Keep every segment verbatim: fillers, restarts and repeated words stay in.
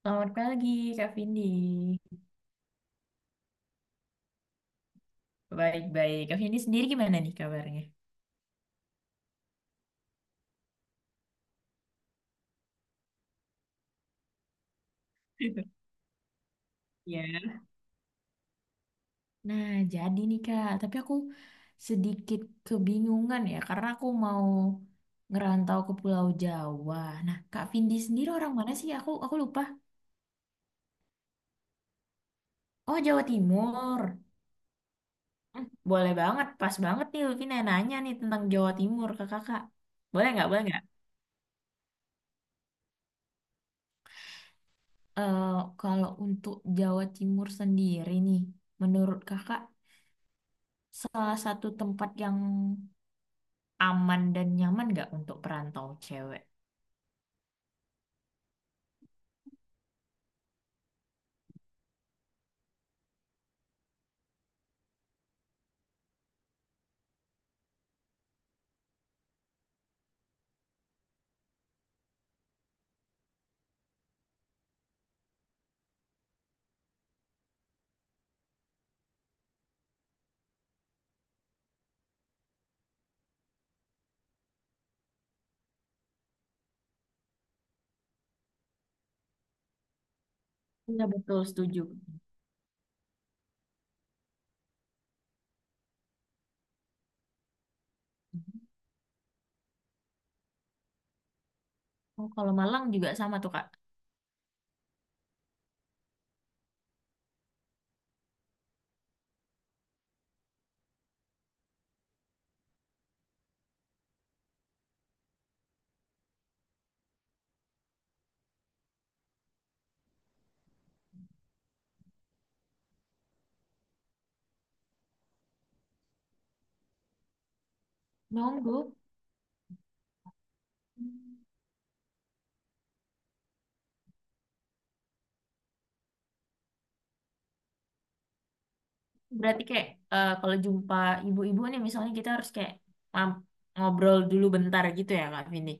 Selamat pagi, Kak Vindi. Baik-baik. Kak Vindi sendiri gimana nih kabarnya? Ya. Nah, jadi nih Kak, tapi aku sedikit kebingungan ya, karena aku mau ngerantau ke Pulau Jawa. Nah, Kak Vindi sendiri orang mana sih? Aku aku lupa. Oh, Jawa Timur. Hmm, Boleh banget, pas banget nih Luffy nanya nih tentang Jawa Timur ke kakak. Boleh nggak, boleh nggak? Eh, Kalau untuk Jawa Timur sendiri nih, menurut kakak salah satu tempat yang aman dan nyaman nggak untuk perantau cewek? Iya betul, setuju. Oh, kalau Malang juga sama tuh Kak. Nunggu. Berarti kayak eh, kalau jumpa ibu-ibu nih misalnya kita harus kayak um, ngobrol dulu bentar gitu ya Kak Vini.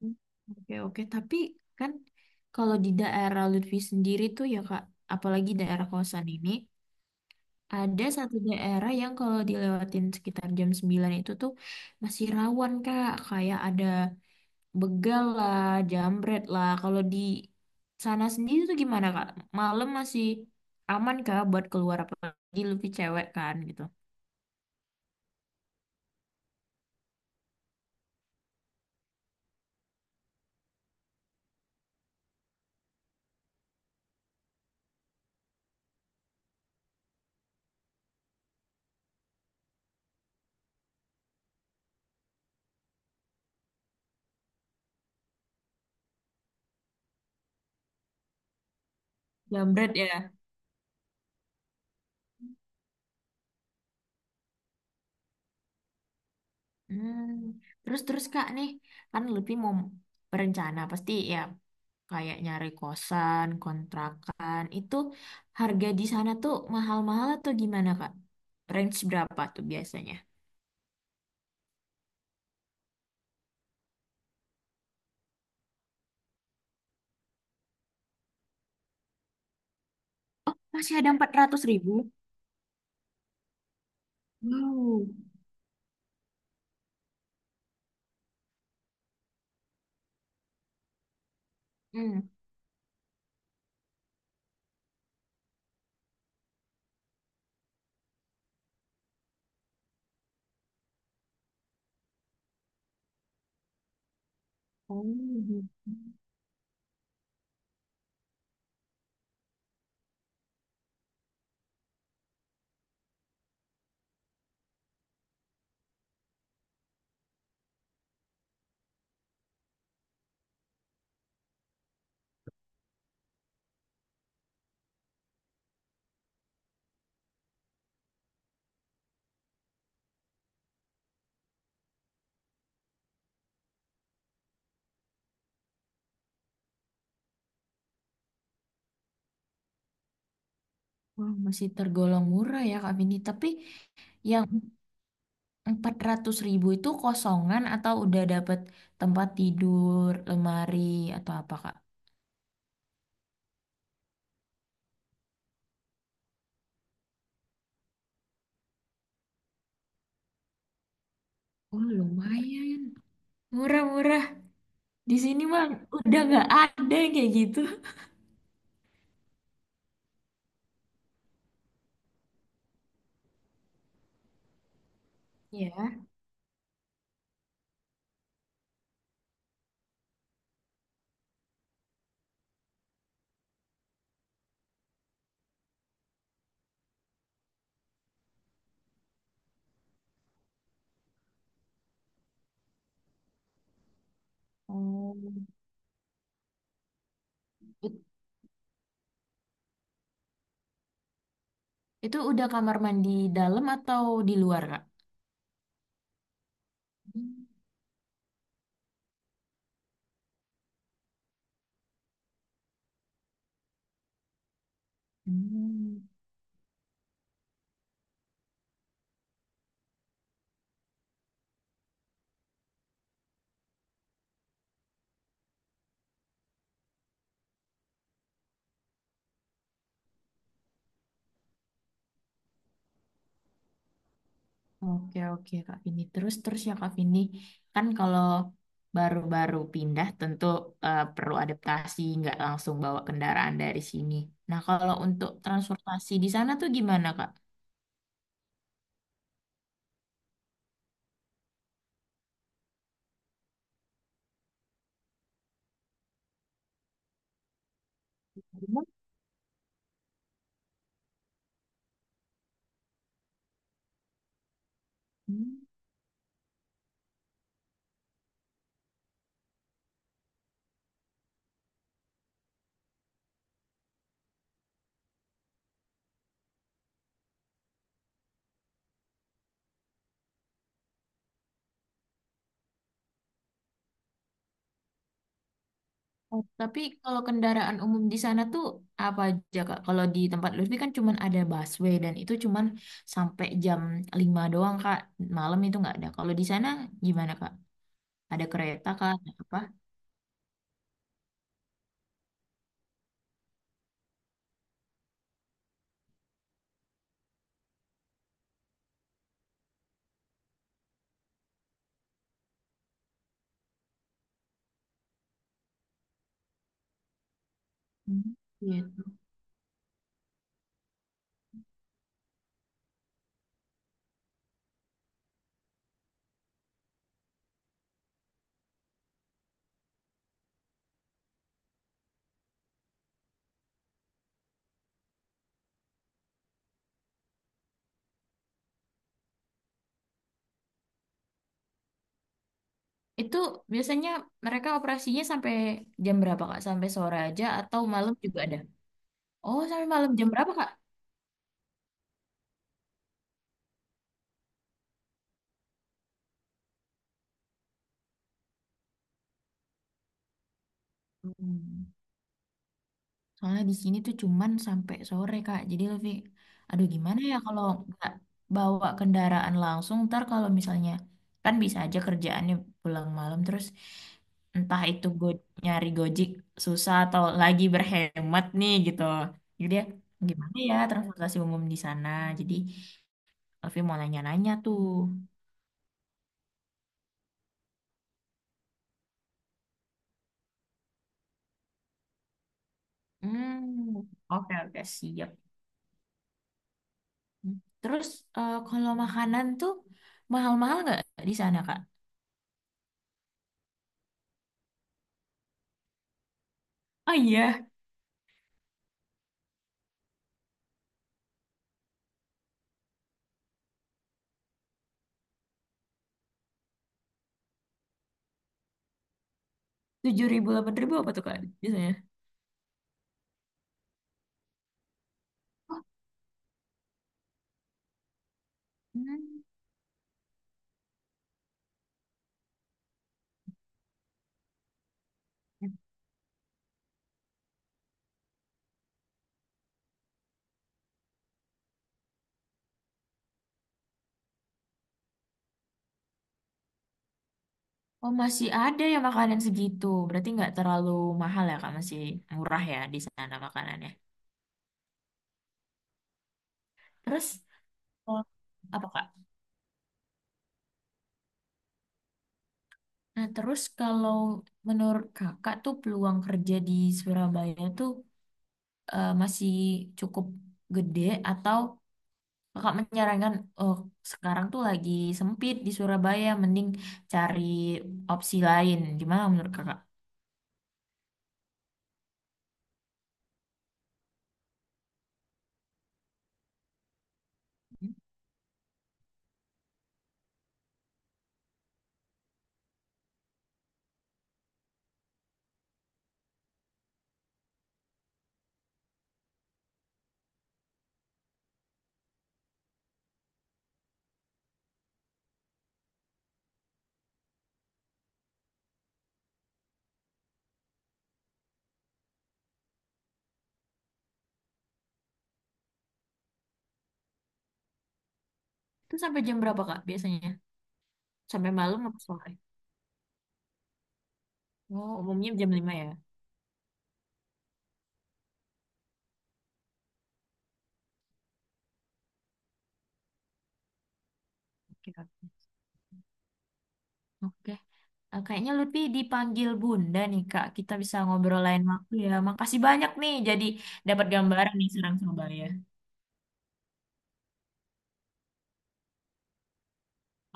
Oke, oke. Tapi kan kalau di daerah Lutfi sendiri tuh ya Kak, apalagi daerah kosan ini, ada satu daerah yang kalau dilewatin sekitar jam sembilan itu tuh masih rawan, Kak. Kayak ada begal lah, jambret lah. Kalau di sana sendiri tuh gimana, Kak? Malam masih aman, Kak, buat keluar apalagi lebih cewek kan gitu. Jambret ya. Hmm. Terus terus Kak nih, kan lebih mau berencana pasti ya kayak nyari kosan, kontrakan, itu harga di sana tuh mahal-mahal atau gimana, Kak? Range berapa tuh biasanya? Oh, masih ada empat ratus ribu. Wow. Hmm. Oh, gitu. Wah, masih tergolong murah ya, Kak Vini. Tapi yang empat ratus ribu itu kosongan atau udah dapet tempat tidur, lemari, atau apa, Kak? Oh, lumayan. Murah-murah. Di sini mah udah nggak ada yang kayak gitu. Ya. Oh. Itu udah kamar mandi dalam atau di luar, Kak? Hmm, oke, oke, Kak Vini. Terus, terus ya, Kak Vini. Kan kalau baru-baru pindah tentu eh, perlu adaptasi, nggak langsung bawa kendaraan dari sini. Nah, kalau untuk transportasi di sana tuh gimana, Kak? Hmm. Oh, tapi kalau kendaraan umum di sana tuh apa aja Kak? Kalau di tempat Lutfi kan cuman ada busway dan itu cuman sampai jam lima doang Kak. Malam itu nggak ada. Kalau di sana gimana Kak? Ada kereta Kak? Ada apa? Hmm, gitu. Itu biasanya mereka operasinya sampai jam berapa Kak? Sampai sore aja atau malam juga ada? Oh, sampai malam jam berapa Kak? Hmm. Soalnya di sini tuh cuman sampai sore, Kak. Jadi lebih, aduh gimana ya kalau nggak bawa kendaraan langsung, ntar kalau misalnya, kan bisa aja kerjaannya pulang malam, terus entah itu go nyari Gojek susah atau lagi berhemat nih gitu. Jadi ya, gimana ya transportasi umum di sana. Jadi Alfi mau nanya-nanya tuh. Hmm, oke, oke, siap. Terus eh, kalau makanan tuh mahal-mahal nggak di sana, Kak? Oh iya, tujuh ribu, delapan ribu apa tuh Kak biasanya? Hmm. Oh, masih ada ya makanan segitu. Berarti nggak terlalu mahal ya Kak, masih murah ya di sana makanannya. Terus oh, apa Kak? Nah terus kalau menurut Kakak tuh peluang kerja di Surabaya tuh eh, masih cukup gede atau Kakak menyarankan oh sekarang tuh lagi sempit di Surabaya, mending cari opsi lain. Gimana menurut Kakak? Itu sampai jam berapa Kak biasanya? Sampai malam apa sore? Oh, umumnya jam lima ya. Oke, oke. Oke. Eh, Kayaknya lebih dipanggil Bunda nih, Kak. Kita bisa ngobrol lain waktu ya. Makasih banyak nih, jadi dapat gambaran nih Serang Surabaya.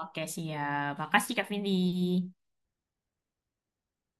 Oke, siap. Makasih, Kak Vindi.